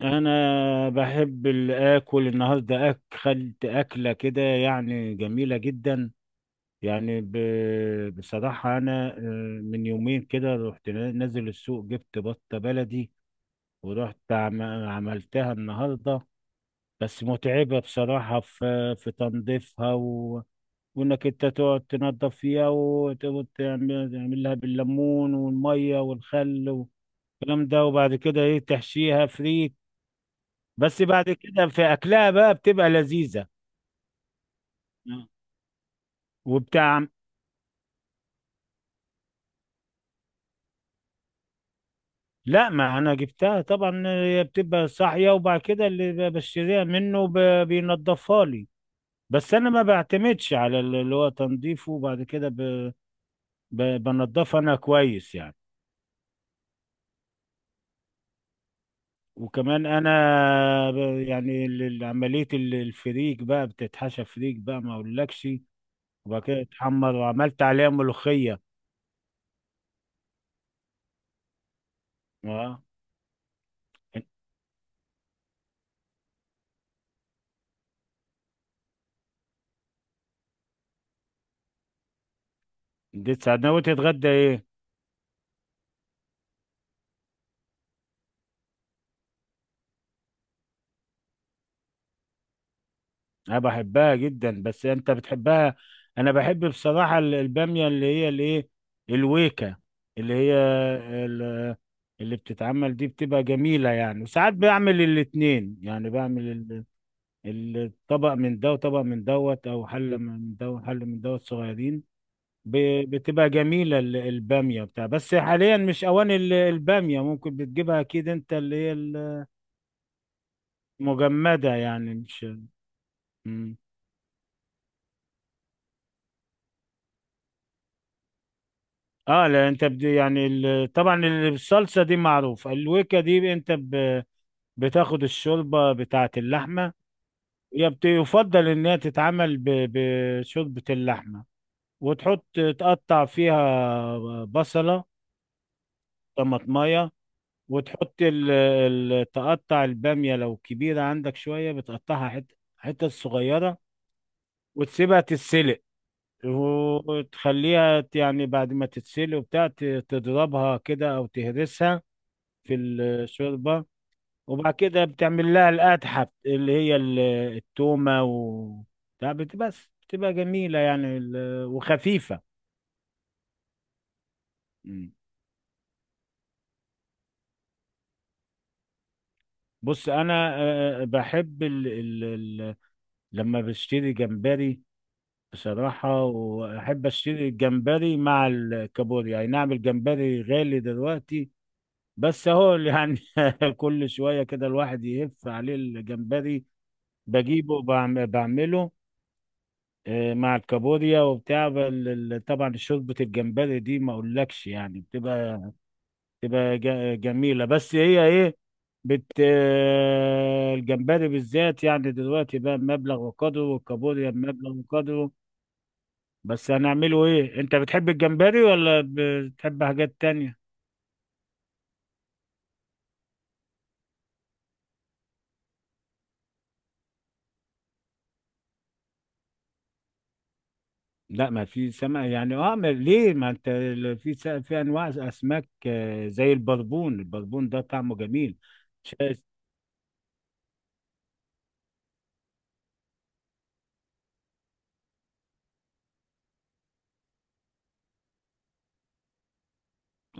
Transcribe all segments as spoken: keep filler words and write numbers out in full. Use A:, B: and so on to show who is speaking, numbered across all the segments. A: انا بحب الاكل النهارده اكلت اكله كده يعني جميله جدا. يعني ب... بصراحه انا آه، من يومين كده رحت نازل السوق جبت بطه بلدي. ورحت عم... عملتها النهارده. بس متعبه بصراحه في في تنظيفها، و... وانك انت تقعد تنظف فيها وت- وتعمل تعمل لها بالليمون والميه والخل والكلام ده. وبعد كده ايه تحشيها فريك. بس بعد كده في اكلها بقى بتبقى لذيذه وبتاع. لا، ما انا جبتها طبعا. هي بتبقى صاحيه وبعد كده اللي بشتريها منه ب- بينضفها لي. بس انا ما بعتمدش على اللي هو تنظيفه، وبعد كده ب- ب- بنضفها انا كويس يعني. وكمان انا ب- يعني ال- ال- عمليه ال- الفريك بقى بتتحشى فريك بقى ما اقولكش. وبعد كده تحمر وعملت عليها ملوخيه. اه، دي ساعدنا وتتغدى ايه؟ انا بحبها جدا بس انت بتحبها. انا بحب بصراحه ال- الباميه اللي هي الايه، الويكه، اللي هي ال- اللي بتتعمل دي بتبقى جميله يعني. وساعات بعمل الاتنين، يعني بعمل ال- الطبق من ده وطبق من دوت، او حله من ده وحله من دوت صغيرين. ب- بتبقى جميله ال- الباميه بتاع. بس حاليا مش اوان ال- الباميه. ممكن بتجيبها اكيد انت اللي هي المجمده، يعني مش... اه لا، انت بد... يعني ال... طبعا الصلصه دي معروف الويكا دي. انت ب... بتاخد الشوربه بتاعه اللحمه. هي بت... يفضل انها تتعمل ب... بشوربه اللحمه. وتحط، تقطع فيها بصله، طماطمايه. وتحط ال... ال... تقطع الباميه لو كبيره عندك شويه، بتقطعها حت... حتت صغيره، وتسيبها تتسلق. وتخليها ت- يعني بعد ما تتسلق وبتاع ت- تضربها كده او تهرسها في الشوربة. وبعد كده بتعمل لها القدحة بت- اللي هي ال- التومة و بتاع بت- بس بتبقى جميلة يعني ال- وخفيفة. مم. بص أنا آه، آه، بحب ال... ال... ال... لما بشتري جمبري بصراحة. وأحب أشتري الجمبري مع الكابوريا، يعني نعمل جمبري. غالي دلوقتي بس أهو. يعني كل شوية كده الواحد يهف عليه الجمبري، بجيبه وبعمله آه، مع الكابوريا وبتاع بل- ال- طبعا شوربة الجمبري دي ما اقولكش يعني بتبقى بتبقى ج- جميلة. بس هي ايه بت آه، الجمبري بالذات يعني دلوقتي بقى مبلغ وقدره، والكابوريا مبلغ وقدره. بس هنعمله ايه؟ انت بتحب الجمبري ولا بتحب حاجات تانية؟ لا، ما في سمك يعني. اه ما- ليه؟ ما انت ال- في س- في انواع اسماك آه، زي البربون. البربون ده طعمه جميل.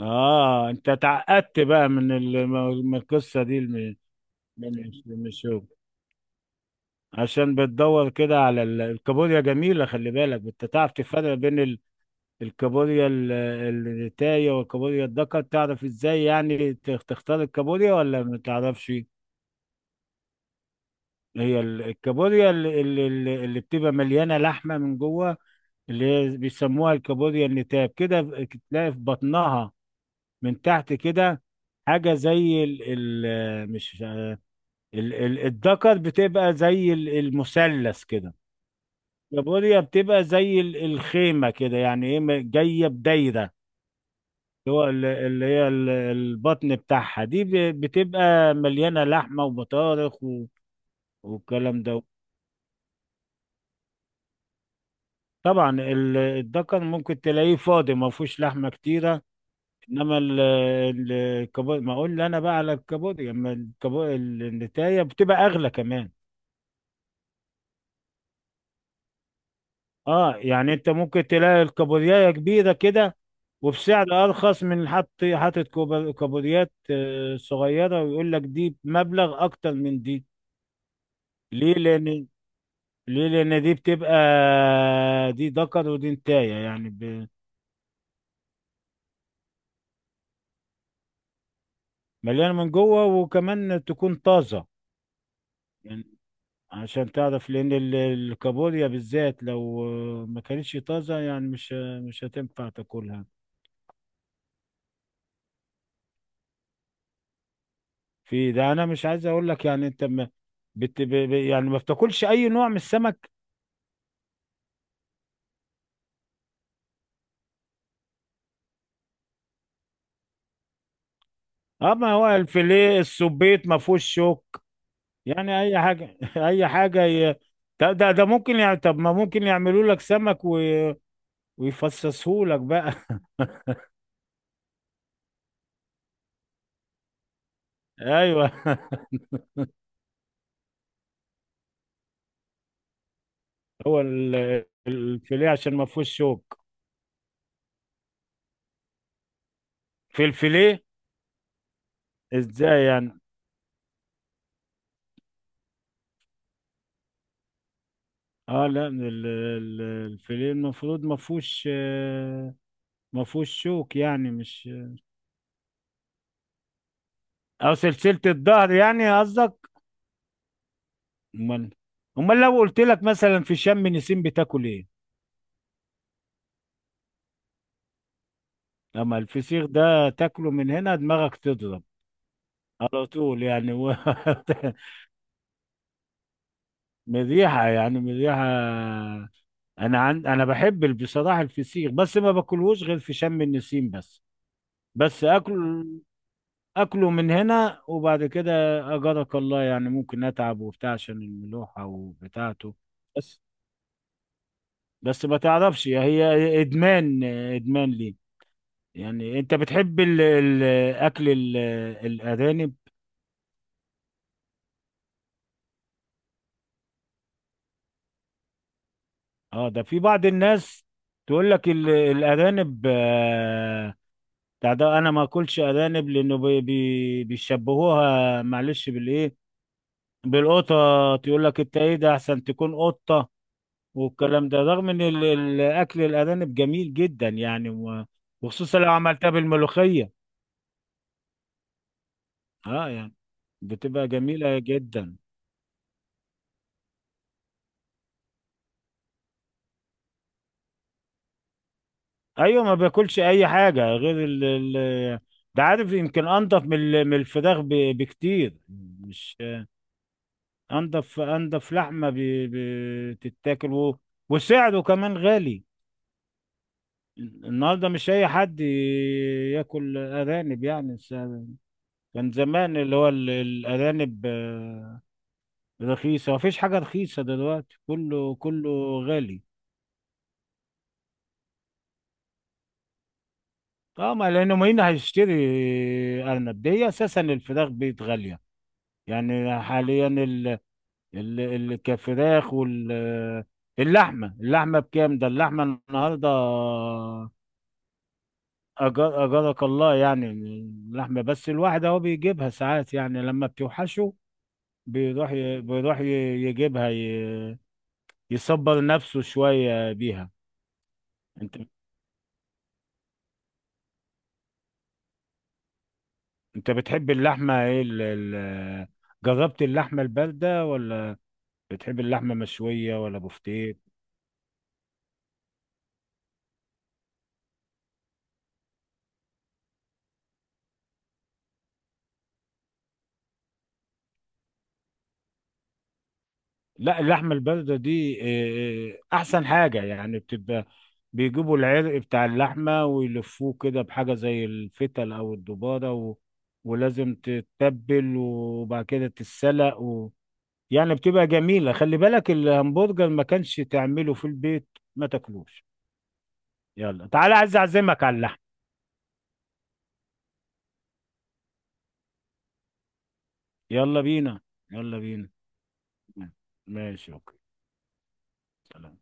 A: اه، انت اتعقدت بقى من ال- من القصه دي الم- من من الشغل. عشان بتدور كده على ال- الكابوريا جميله. خلي بالك، انت تعرف تفرق بين ال- الكابوريا ال- الريتايه والكابوريا الدكر؟ تعرف ازاي يعني ت- تختار الكابوريا ولا ما تعرفش؟ هي ال- الكابوريا اللي, اللي, اللي بتبقى مليانه لحمه من جوه، اللي هي بيسموها الكابوريا النتاب كده. ب- تلاقي في بطنها من تحت كده حاجه زي ال ال مش، ال- ال- الدكر بتبقى زي ال- المثلث كده. البوريا بتبقى زي ال- الخيمة كده، يعني ايه م- جاية بدايرة. اللي هو ال- اللي هي ال- البطن بتاعها دي ب- بتبقى مليانة لحمة وبطارخ و- والكلام ده. طبعا ال- الدكر ممكن تلاقيه فاضي، ما فيهوش لحمة كتيرة. انما ال- ال- الكابوريا، ما اقول انا بقى على الكابوريا، اما الكابوريا النتايه بتبقى اغلى كمان. اه يعني انت ممكن تلاقي الكابوريايه كبيره كده، وبسعر ارخص من حط حاطط كوب- كابوريات آه، صغيره، ويقول لك دي بمبلغ اكتر من دي. ليه لان ليه لان دي بتبقى دي ذكر ودي نتايه يعني ب- مليانه من جوه، وكمان تكون طازه. يعني عشان تعرف، لان ال- الكابوريا بالذات لو آه، ما كانتش طازه يعني مش مش هتنفع تاكلها. في ده، انا مش عايز اقول لك يعني انت ما بت... ب... ب- يعني ما بتاكلش اي نوع من السمك. اه، ما هو الفيليه السبيط ما فيهوش شوك. يعني اي حاجه اي حاجه ي... ده ده ده ممكن يعني. طب ما ممكن يعملوا لك سمك و... ويفصصوه لك بقى. ايوه هو ال... الفيليه عشان ما فيهوش شوك. في الفيليه؟ ازاي يعني؟ اه لا، ال... ال- الفيليه المفروض ما فيهوش آه، ما فيهوش شوك، يعني مش آه، او سلسلة الظهر يعني قصدك. امال، امال لو قلت لك مثلا في شم نسيم بتاكل ايه؟ اما الفسيخ ده تاكله من هنا دماغك تضرب على طول يعني و... مذيحة يعني مذيحة. انا عن... انا بحب ال- بصراحة الفسيخ، بس ما باكلهوش غير في شم النسيم بس. بس اكل، اكله من هنا وبعد كده اجرك الله. يعني ممكن اتعب وبتاع عشان الملوحة وبتاعته. بس، بس ما تعرفش هي ادمان، ادمان ليه. يعني انت بتحب ال- ال- الاكل ال- الارانب؟ اه، ده في بعض الناس تقول لك ال- الارانب آه، بتاع ده، انا ما اكلش ارانب، لانه بي بي بيشبهوها معلش بالايه، بالقطه. تقول لك انت ايه ده، احسن تكون قطه، والكلام ده. رغم ان ال- ال- اكل الارانب جميل جدا يعني و- وخصوصا لو عملتها بالملوخيه. اه يعني بتبقى جميله جدا. ايوه، ما باكلش اي حاجه غير ال ال ده. عارف، يمكن انضف من ال- من الفراخ ب- بكتير. مش انضف، انضف لحمه ب- بتتاكل، و- وسعره كمان غالي. النهارده مش اي حد ي- ياكل ارانب يعني، السعر- كان زمان اللي هو ال- الارانب آه، رخيصه. مفيش حاجه رخيصه دلوقتي، كله كله غالي. اه، ما لانه مين هيشتري ارنب؟ دي اساسا الفراخ بقت غاليه يعني حاليا. ال- الكفراخ وال اللحمة اللحمة بكام ده؟ اللحمة النهاردة... أجر أجرك الله يعني اللحمة. بس الواحد أهو بيجيبها ساعات يعني لما بتوحشه. بيروح ي... بيروح ي... يجيبها ي... يصبر نفسه شوية بيها. أنت أنت بتحب اللحمة إيه ال... ال... جربت اللحمة الباردة، ولا بتحب اللحمة مشوية، ولا بفتيك؟ لا، اللحمة الباردة دي آه، آه، أحسن حاجة يعني. بتبقى، بيجيبوا العرق بتاع اللحمة ويلفوه كده بحاجة زي الفتل أو الدبارة و... ولازم تتبل وبعد كده تتسلق و... يعني بتبقى جميلة. خلي بالك، الهمبرجر ما كانش تعمله في البيت ما تاكلوش. يلا تعالى، عايز أعزمك على اللحم. يلا بينا. يلا بينا. ماشي، أوكي. سلام.